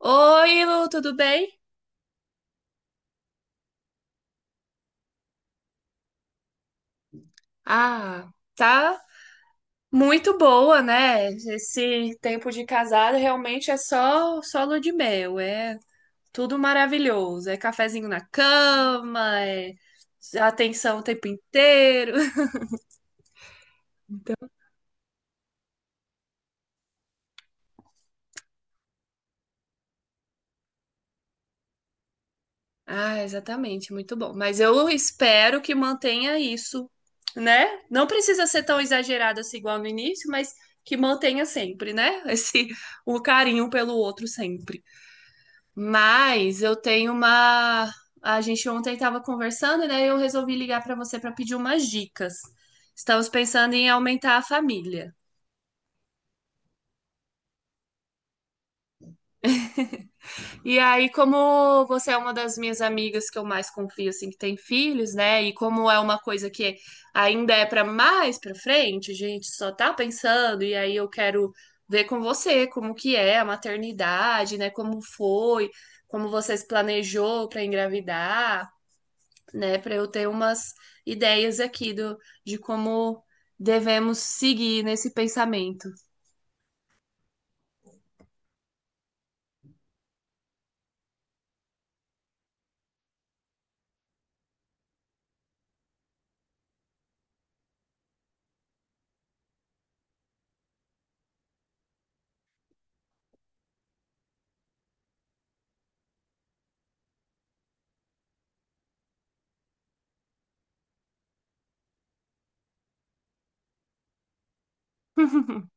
Oi, Lu, tudo bem? Ah, tá muito boa, né? Esse tempo de casada realmente é só lua de mel, é tudo maravilhoso, é cafezinho na cama, é atenção o tempo inteiro. Ah, exatamente, muito bom. Mas eu espero que mantenha isso, né? Não precisa ser tão exagerado assim igual no início, mas que mantenha sempre, né? Esse o carinho pelo outro sempre. Mas eu tenho uma. A gente ontem estava conversando, né? Eu resolvi ligar para você para pedir umas dicas. Estamos pensando em aumentar a família. E aí, como você é uma das minhas amigas que eu mais confio, assim, que tem filhos, né? E como é uma coisa que ainda é para mais para frente, a gente só tá pensando. E aí eu quero ver com você como que é a maternidade, né? Como foi, como você se planejou para engravidar, né, para eu ter umas ideias aqui do, de como devemos seguir nesse pensamento.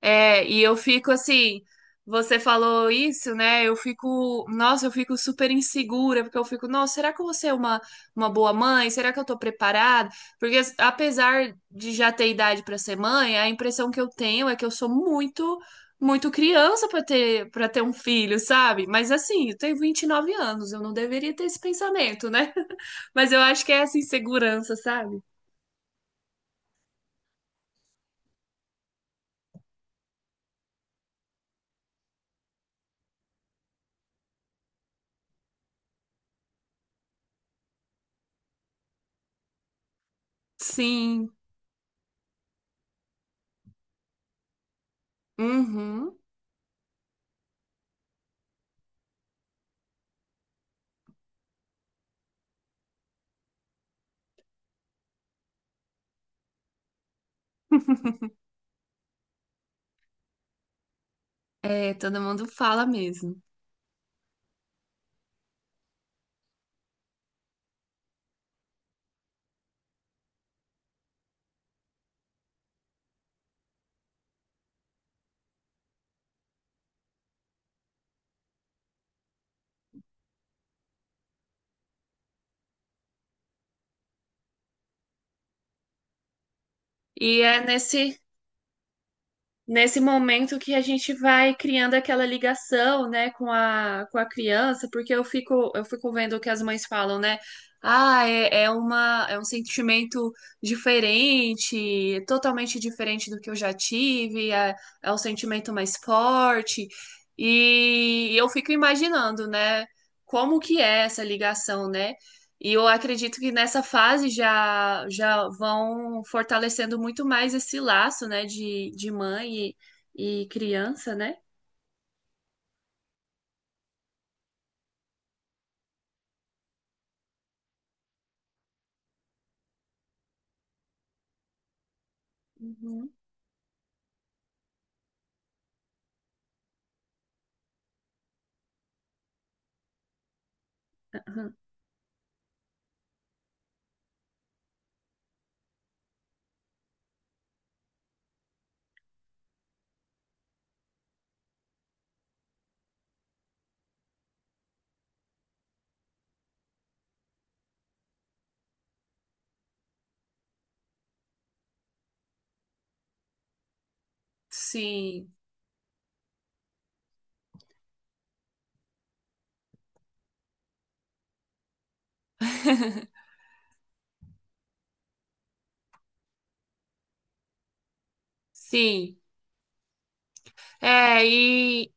É, e eu fico assim, você falou isso, né? Eu fico, nossa, eu fico super insegura, porque eu fico, nossa, será que eu vou ser uma boa mãe? Será que eu tô preparada? Porque apesar de já ter idade para ser mãe, a impressão que eu tenho é que eu sou muito, muito criança para ter um filho, sabe? Mas assim, eu tenho 29 anos, eu não deveria ter esse pensamento, né? Mas eu acho que é essa insegurança, sabe? Sim. Uhum. É, todo mundo fala mesmo. E é nesse momento que a gente vai criando aquela ligação, né, com a criança, porque eu fico vendo o que as mães falam, né? Ah, é é um sentimento diferente, totalmente diferente do que eu já tive, é um sentimento mais forte. E eu fico imaginando, né, como que é essa ligação, né? E eu acredito que nessa fase já vão fortalecendo muito mais esse laço, né, de mãe e criança, né? Uhum. Sim, sim. É, e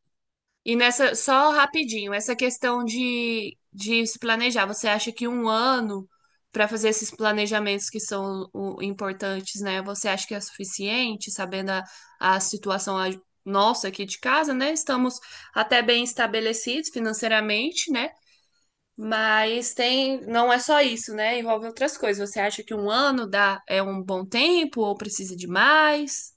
E nessa, só rapidinho, essa questão de se planejar, você acha que um ano para fazer esses planejamentos que são importantes, né? Você acha que é suficiente, sabendo a situação nossa aqui de casa, né? Estamos até bem estabelecidos financeiramente, né? Mas tem, não é só isso, né? Envolve outras coisas. Você acha que um ano dá, é um bom tempo ou precisa de mais?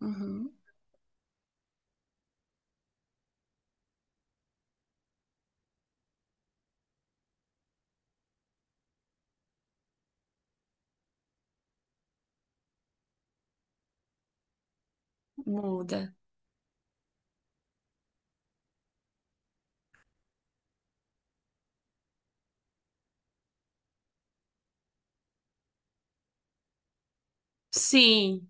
Uhum, muda. Sim,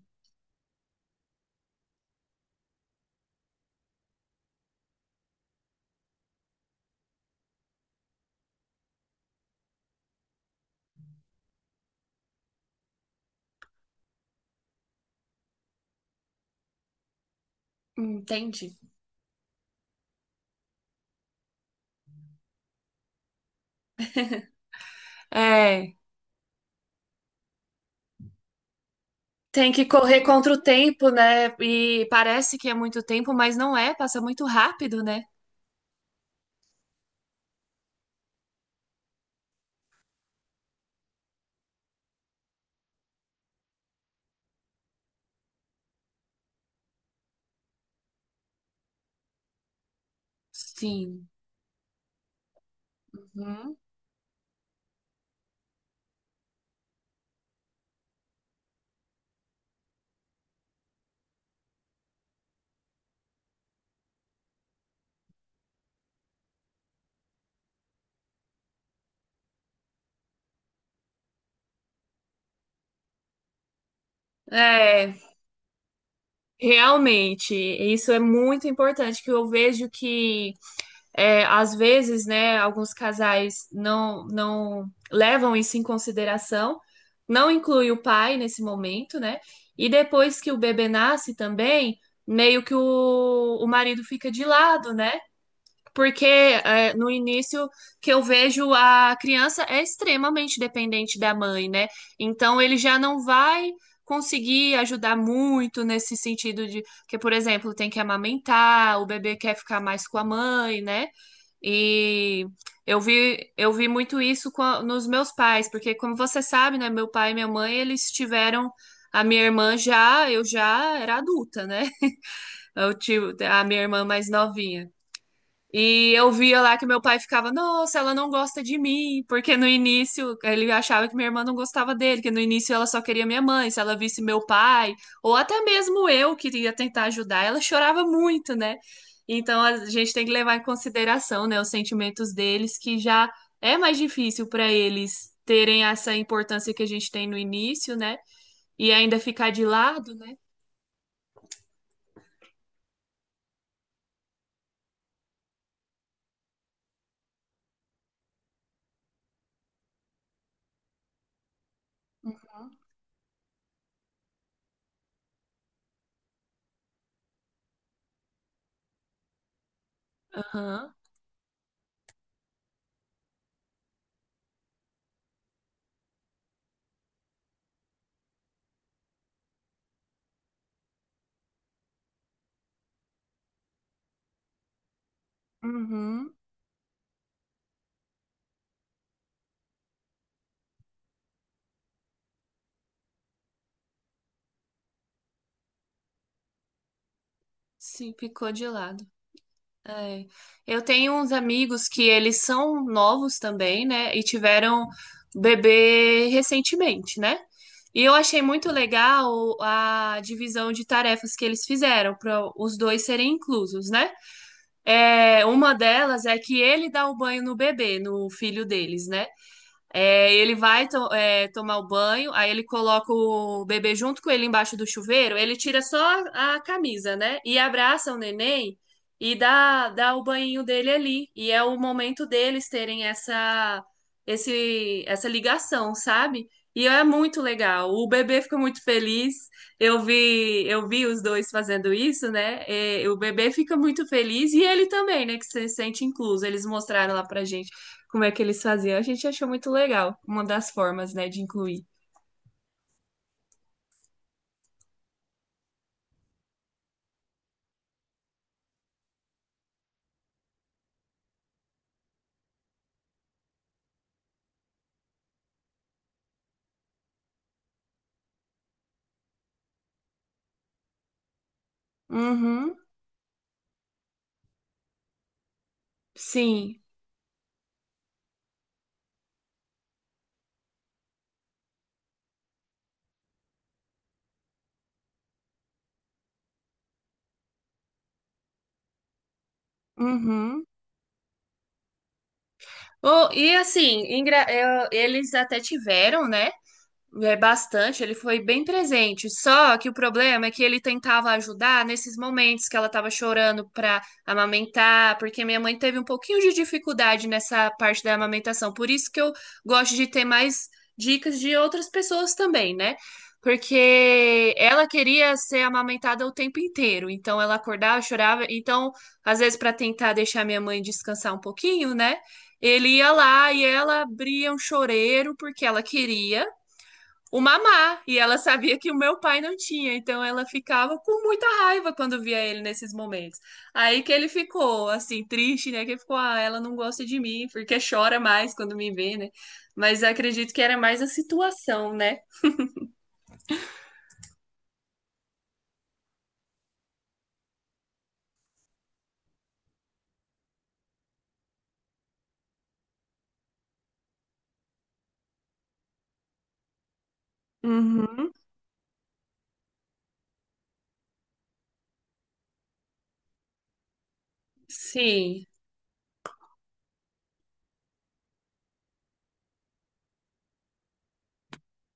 entendi. É. Tem que correr contra o tempo, né? E parece que é muito tempo, mas não é, passa muito rápido, né? Sim. Uhum. É, realmente, isso é muito importante, que eu vejo que é, às vezes, né, alguns casais não levam isso em consideração, não inclui o pai nesse momento, né? E depois que o bebê nasce também, meio que o marido fica de lado, né? Porque é, no início que eu vejo a criança é extremamente dependente da mãe, né? Então ele já não vai conseguir ajudar muito nesse sentido de que, por exemplo, tem que amamentar, o bebê quer ficar mais com a mãe, né? E eu vi muito isso com nos meus pais, porque como você sabe, né, meu pai e minha mãe, eles tiveram a minha irmã já, eu já era adulta, né? Eu tive a minha irmã mais novinha. E eu via lá que meu pai ficava, nossa, ela não gosta de mim, porque no início ele achava que minha irmã não gostava dele, que no início ela só queria minha mãe, se ela visse meu pai, ou até mesmo eu que ia tentar ajudar, ela chorava muito, né? Então a gente tem que levar em consideração, né, os sentimentos deles, que já é mais difícil para eles terem essa importância que a gente tem no início, né? E ainda ficar de lado, né? Aham. Uhum. Sim, ficou de lado. É. Eu tenho uns amigos que eles são novos também, né? E tiveram bebê recentemente, né? E eu achei muito legal a divisão de tarefas que eles fizeram para os dois serem inclusos, né? É, uma delas é que ele dá o banho no bebê, no filho deles, né? É, ele vai tomar o banho, aí ele coloca o bebê junto com ele embaixo do chuveiro, ele tira só a camisa, né? E abraça o neném e dá o banhinho dele ali. E é o momento deles terem essa ligação, sabe? E é muito legal. O bebê fica muito feliz. Eu vi os dois fazendo isso, né? É, o bebê fica muito feliz e ele também, né? Que se sente incluso. Eles mostraram lá pra gente como é que eles faziam. A gente achou muito legal, uma das formas, né, de incluir. Uhum, Sim. Uhum. Oh, e assim, eles até tiveram, né? É bastante, ele foi bem presente. Só que o problema é que ele tentava ajudar nesses momentos que ela estava chorando para amamentar, porque minha mãe teve um pouquinho de dificuldade nessa parte da amamentação. Por isso que eu gosto de ter mais dicas de outras pessoas também, né? Porque ela queria ser amamentada o tempo inteiro, então ela acordava, chorava. Então, às vezes, para tentar deixar minha mãe descansar um pouquinho, né? Ele ia lá e ela abria um choreiro porque ela queria o mamá, e ela sabia que o meu pai não tinha, então ela ficava com muita raiva quando via ele nesses momentos. Aí que ele ficou assim triste, né? Que ele ficou, ah, ela não gosta de mim, porque chora mais quando me vê, né? Mas eu acredito que era mais a situação, né? Uhum. Sim.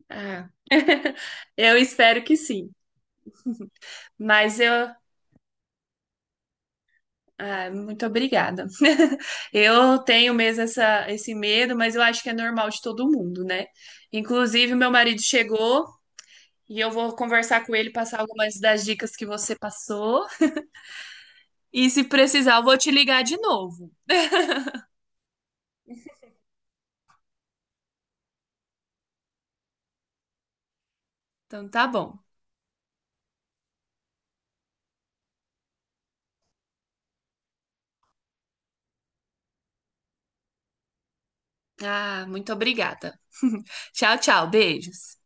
Ah. Eu espero que sim. Mas eu, ah, muito obrigada. Eu tenho mesmo esse medo, mas eu acho que é normal de todo mundo, né? Inclusive, meu marido chegou. E eu vou conversar com ele, passar algumas das dicas que você passou. E se precisar, eu vou te ligar de novo. Então tá bom. Ah, muito obrigada. Tchau, tchau. Beijos.